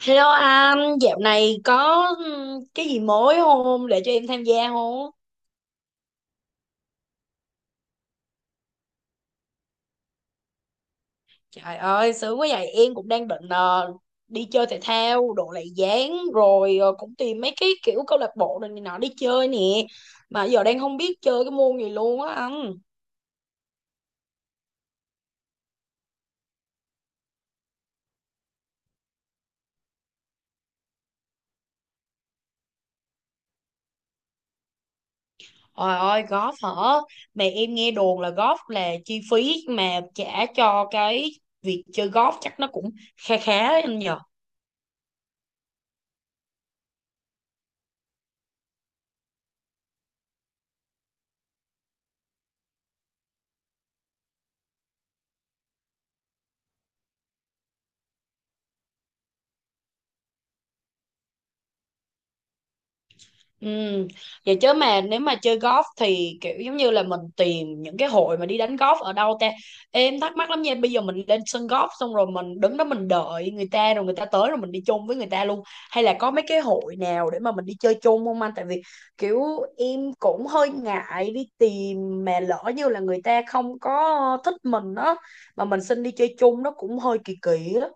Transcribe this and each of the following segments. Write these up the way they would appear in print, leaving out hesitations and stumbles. Hello anh, dạo này có cái gì mới không để cho em tham gia không? Trời ơi, sướng quá vậy, em cũng đang định đi chơi thể thao, độ lại dáng rồi cũng tìm mấy cái kiểu câu lạc bộ này nọ đi chơi nè. Mà giờ đang không biết chơi cái môn gì luôn á anh. Trời ơi, golf hả? Mà em nghe đồn là golf là chi phí mà trả cho cái việc chơi golf chắc nó cũng kha khá anh nhỉ? Ừ. Vậy chứ mà nếu mà chơi golf thì kiểu giống như là mình tìm những cái hội mà đi đánh golf ở đâu ta, em thắc mắc lắm nha. Bây giờ mình lên sân golf xong rồi mình đứng đó mình đợi người ta rồi người ta tới rồi mình đi chung với người ta luôn, hay là có mấy cái hội nào để mà mình đi chơi chung không anh? Tại vì kiểu em cũng hơi ngại đi tìm mà lỡ như là người ta không có thích mình đó, mà mình xin đi chơi chung nó cũng hơi kỳ kỳ đó.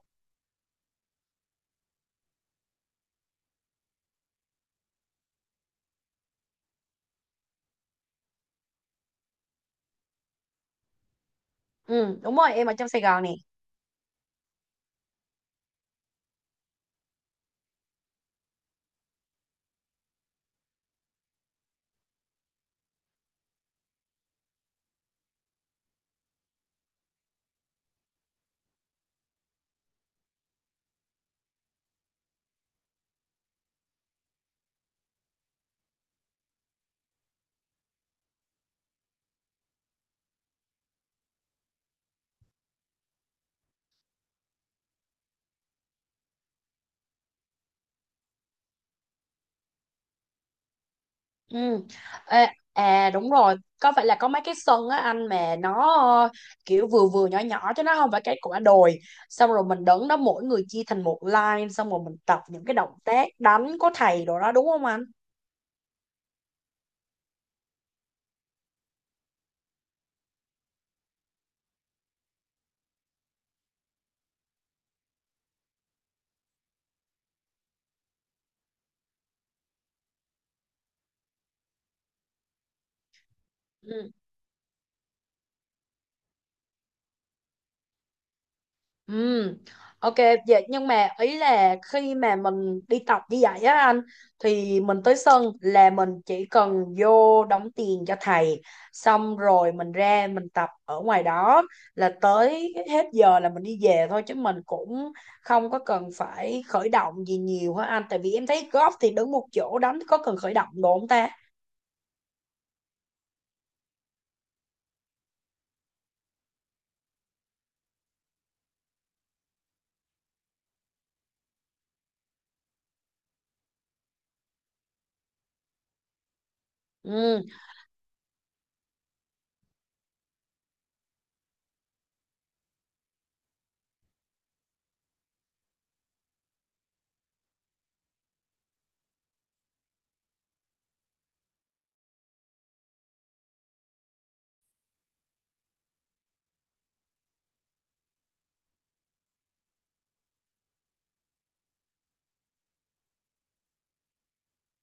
Ừ đúng rồi, em ở trong Sài Gòn nè. Ừ. Ê, à đúng rồi, có phải là có mấy cái sân á anh mà nó ờ, kiểu vừa vừa nhỏ nhỏ chứ nó không phải cái quả đồi, xong rồi mình đứng đó mỗi người chia thành một line xong rồi mình tập những cái động tác đánh có thầy đồ đó, đúng không anh? Ừ, ok. Vậy nhưng mà ý là khi mà mình đi tập như vậy á anh, thì mình tới sân là mình chỉ cần vô đóng tiền cho thầy, xong rồi mình ra mình tập ở ngoài đó, là tới hết giờ là mình đi về thôi chứ mình cũng không có cần phải khởi động gì nhiều hả anh? Tại vì em thấy golf thì đứng một chỗ đánh có cần khởi động đồ không ta? Ừ.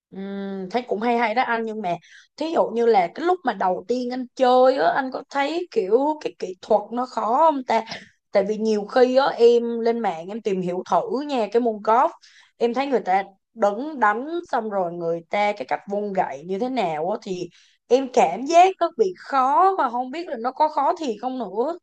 Thấy cũng hay hay đó anh, nhưng mà thí dụ như là cái lúc mà đầu tiên anh chơi á, anh có thấy kiểu cái kỹ thuật nó khó không ta? Tại vì nhiều khi á em lên mạng em tìm hiểu thử nha cái môn golf, em thấy người ta đứng đánh xong rồi người ta cái cách vung gậy như thế nào á, thì em cảm giác nó bị khó và không biết là nó có khó thiệt không nữa.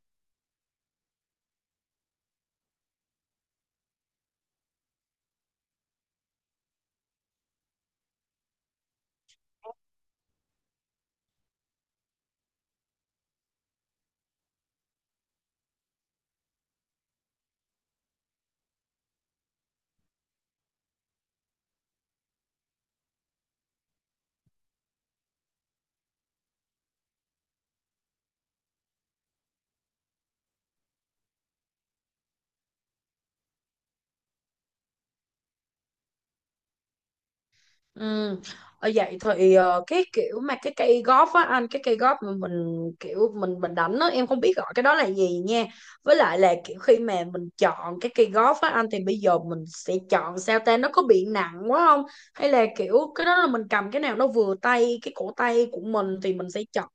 Ừ. Ở vậy thì cái kiểu mà cái cây golf á anh, cái cây golf mà mình kiểu mình đánh á, em không biết gọi cái đó là gì nha. Với lại là kiểu khi mà mình chọn cái cây golf á anh, thì bây giờ mình sẽ chọn sao ta, nó có bị nặng quá không, hay là kiểu cái đó là mình cầm cái nào nó vừa tay cái cổ tay của mình thì mình sẽ chọn.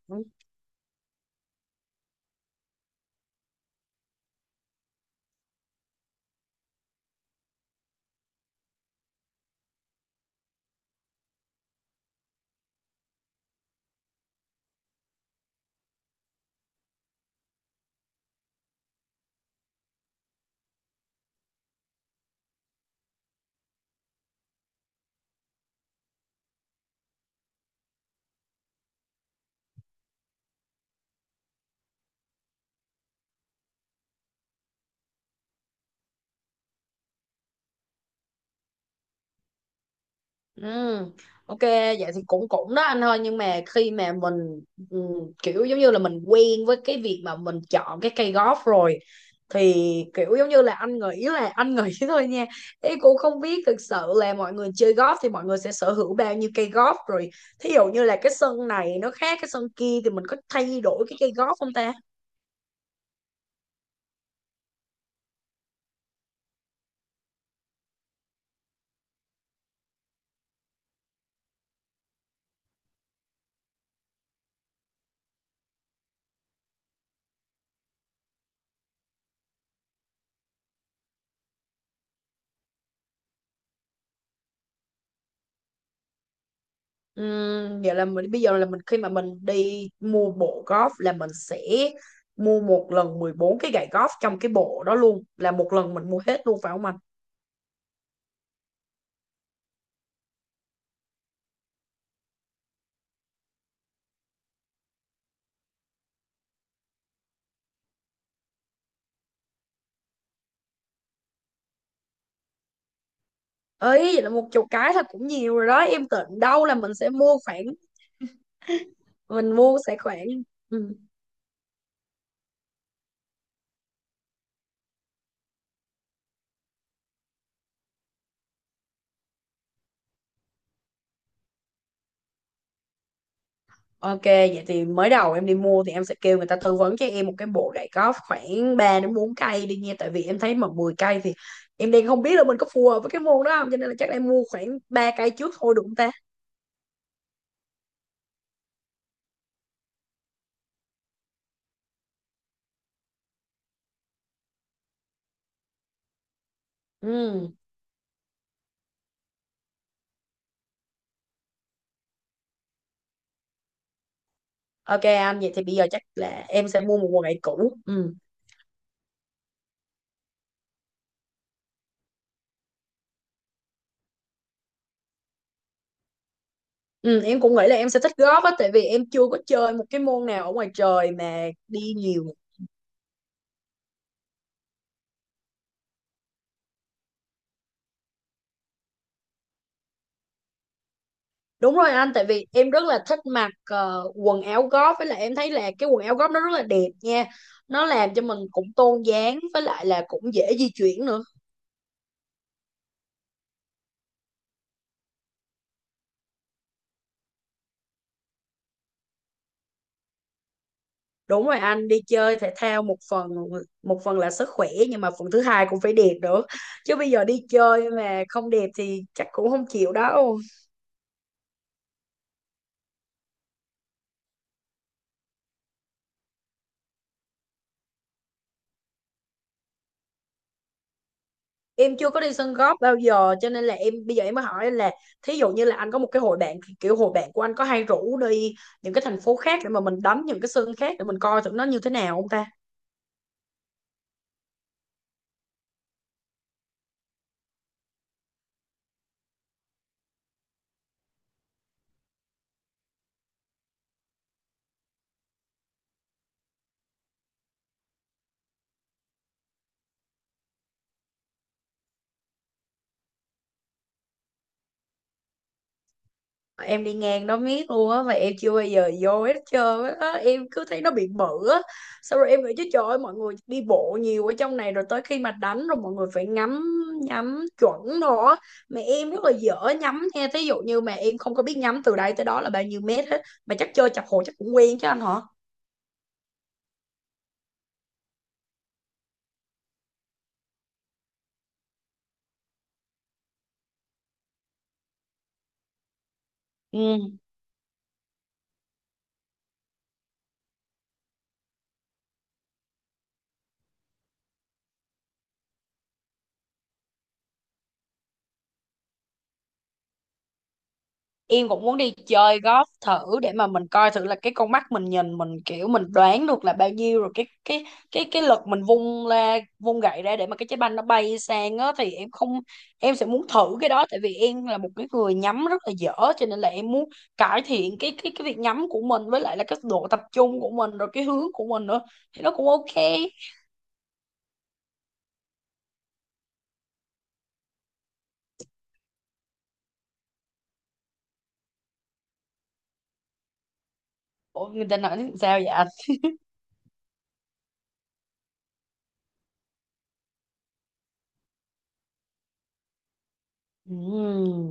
Ừ, ok vậy thì cũng cũng đó anh, thôi nhưng mà khi mà mình ừ, kiểu giống như là mình quen với cái việc mà mình chọn cái cây golf rồi, thì kiểu giống như là anh nghĩ thôi nha, ý cũng không biết thực sự là mọi người chơi golf thì mọi người sẽ sở hữu bao nhiêu cây golf rồi, thí dụ như là cái sân này nó khác cái sân kia thì mình có thay đổi cái cây golf không ta? Vậy là mình bây giờ là mình khi mà mình đi mua bộ golf là mình sẽ mua một lần 14 cái gậy golf trong cái bộ đó luôn, là một lần mình mua hết luôn phải không anh? Ấy vậy là một chục cái thôi cũng nhiều rồi đó, em tưởng đâu là mình sẽ mua khoảng, mình mua sẽ khoảng. Ừ. Ok vậy thì mới đầu em đi mua thì em sẽ kêu người ta tư vấn cho em một cái bộ gậy golf khoảng 3 đến 4 cây đi nha, tại vì em thấy mà 10 cây thì em đang không biết là mình có phù hợp với cái môn đó không, cho nên là chắc là em mua khoảng 3 cây trước thôi được không ta? Ừ. Ok anh, vậy thì bây giờ chắc là em sẽ mua một quần lại cũ. Ừ. Ừ, em cũng nghĩ là em sẽ thích golf á, tại vì em chưa có chơi một cái môn nào ở ngoài trời mà đi nhiều. Đúng rồi anh, tại vì em rất là thích mặc quần áo golf, với lại em thấy là cái quần áo golf nó rất là đẹp nha. Nó làm cho mình cũng tôn dáng, với lại là cũng dễ di chuyển nữa. Đúng rồi anh, đi chơi thể thao một phần, một phần là sức khỏe, nhưng mà phần thứ hai cũng phải đẹp nữa. Chứ bây giờ đi chơi mà không đẹp thì chắc cũng không chịu đâu. Em chưa có đi sân golf bao giờ cho nên là em bây giờ em mới hỏi anh là, thí dụ như là anh có một cái hội bạn, kiểu hội bạn của anh có hay rủ đi những cái thành phố khác để mà mình đánh những cái sân khác để mình coi thử nó như thế nào không ta? Em đi ngang đó miết luôn á mà em chưa bao giờ vô hết trơn á, em cứ thấy nó bị bự á, xong rồi em nghĩ chứ trời ơi mọi người đi bộ nhiều ở trong này rồi tới khi mà đánh rồi mọi người phải ngắm, nhắm chuẩn rồi á. Mà em rất là dở nhắm nha, thí dụ như mà em không có biết nhắm từ đây tới đó là bao nhiêu mét hết, mà chắc chơi chập hồ chắc cũng quen chứ anh hả? Ừ. Em cũng muốn đi chơi golf thử để mà mình coi thử là cái con mắt mình nhìn mình kiểu mình đoán được là bao nhiêu rồi, cái lực mình vung ra vung gậy ra để mà cái trái banh nó bay sang á thì em không, em sẽ muốn thử cái đó tại vì em là một cái người nhắm rất là dở, cho nên là em muốn cải thiện cái việc nhắm của mình, với lại là cái độ tập trung của mình rồi cái hướng của mình nữa thì nó cũng ok. Ủa, người ta nói sao vậy anh? Ừ.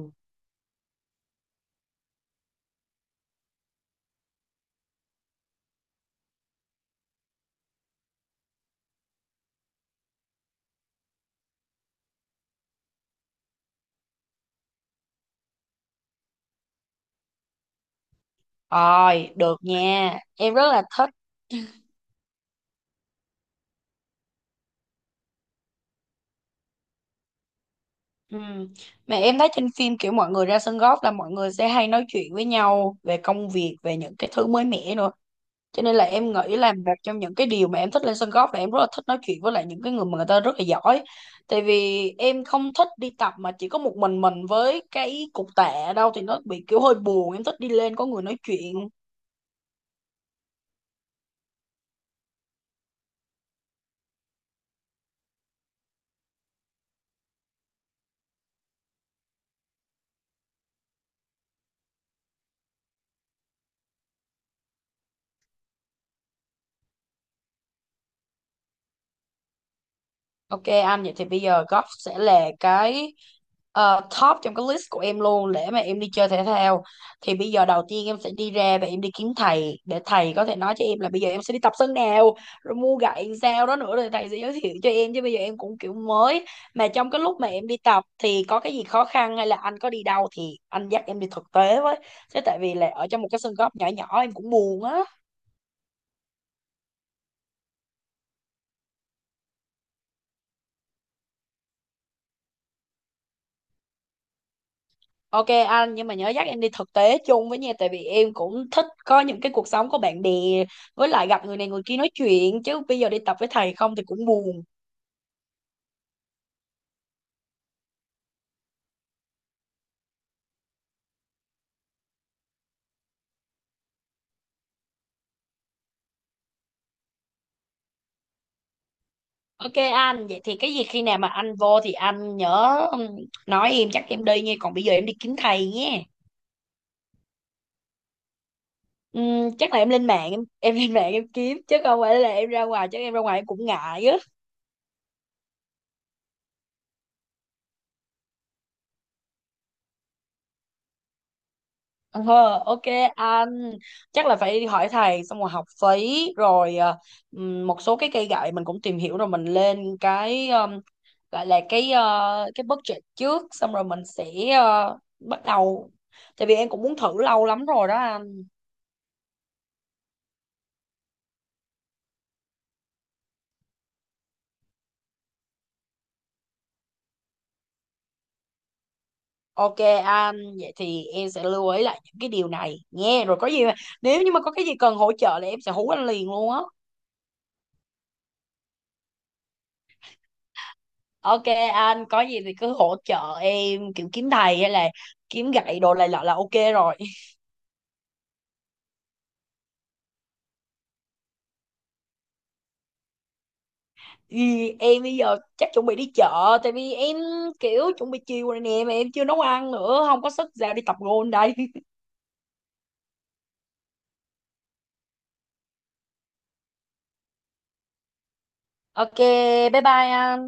Rồi, được nha. Em rất là thích. Ừ. Mà em thấy trên phim kiểu mọi người ra sân golf là mọi người sẽ hay nói chuyện với nhau về công việc, về những cái thứ mới mẻ nữa. Cho nên là em nghĩ là một trong những cái điều mà em thích lên sân golf là em rất là thích nói chuyện với lại những cái người mà người ta rất là giỏi. Tại vì em không thích đi tập mà chỉ có một mình với cái cục tạ đâu thì nó bị kiểu hơi buồn. Em thích đi lên có người nói chuyện. Ok anh, vậy thì bây giờ golf sẽ là cái top trong cái list của em luôn để mà em đi chơi thể thao. Thì bây giờ đầu tiên em sẽ đi ra và em đi kiếm thầy để thầy có thể nói cho em là bây giờ em sẽ đi tập sân nào, rồi mua gậy làm sao đó nữa rồi thầy sẽ giới thiệu cho em, chứ bây giờ em cũng kiểu mới. Mà trong cái lúc mà em đi tập thì có cái gì khó khăn hay là anh có đi đâu thì anh dắt em đi thực tế với. Thế tại vì là ở trong một cái sân golf nhỏ nhỏ em cũng buồn á. Ok anh, nhưng mà nhớ dắt em đi thực tế chung với nha, tại vì em cũng thích có những cái cuộc sống có bạn bè, với lại gặp người này người kia nói chuyện, chứ bây giờ đi tập với thầy không thì cũng buồn. Ok anh vậy thì cái gì khi nào mà anh vô thì anh nhớ nói em chắc em đi nha, còn bây giờ em đi kiếm thầy nhé. Chắc là em lên mạng em lên mạng em kiếm chứ không phải là em ra ngoài, chứ em ra ngoài em cũng ngại á. Ờ, ok anh, chắc là phải hỏi thầy xong rồi học phí rồi một số cái cây gậy mình cũng tìm hiểu rồi mình lên cái gọi là cái cái budget trước xong rồi mình sẽ bắt đầu, tại vì em cũng muốn thử lâu lắm rồi đó anh. Ok anh, vậy thì em sẽ lưu ý lại những cái điều này nghe, rồi có gì mà, nếu như mà có cái gì cần hỗ trợ là em sẽ hú anh liền luôn á. Ok anh, có gì thì cứ hỗ trợ em kiểu kiếm thầy hay là kiếm gậy đồ này nọ là ok rồi. Ừ, em bây giờ chắc chuẩn bị đi chợ, tại vì em kiểu chuẩn bị chiều rồi nè mà em chưa nấu ăn nữa, không có sức ra đi tập gôn đây ok bye bye anh.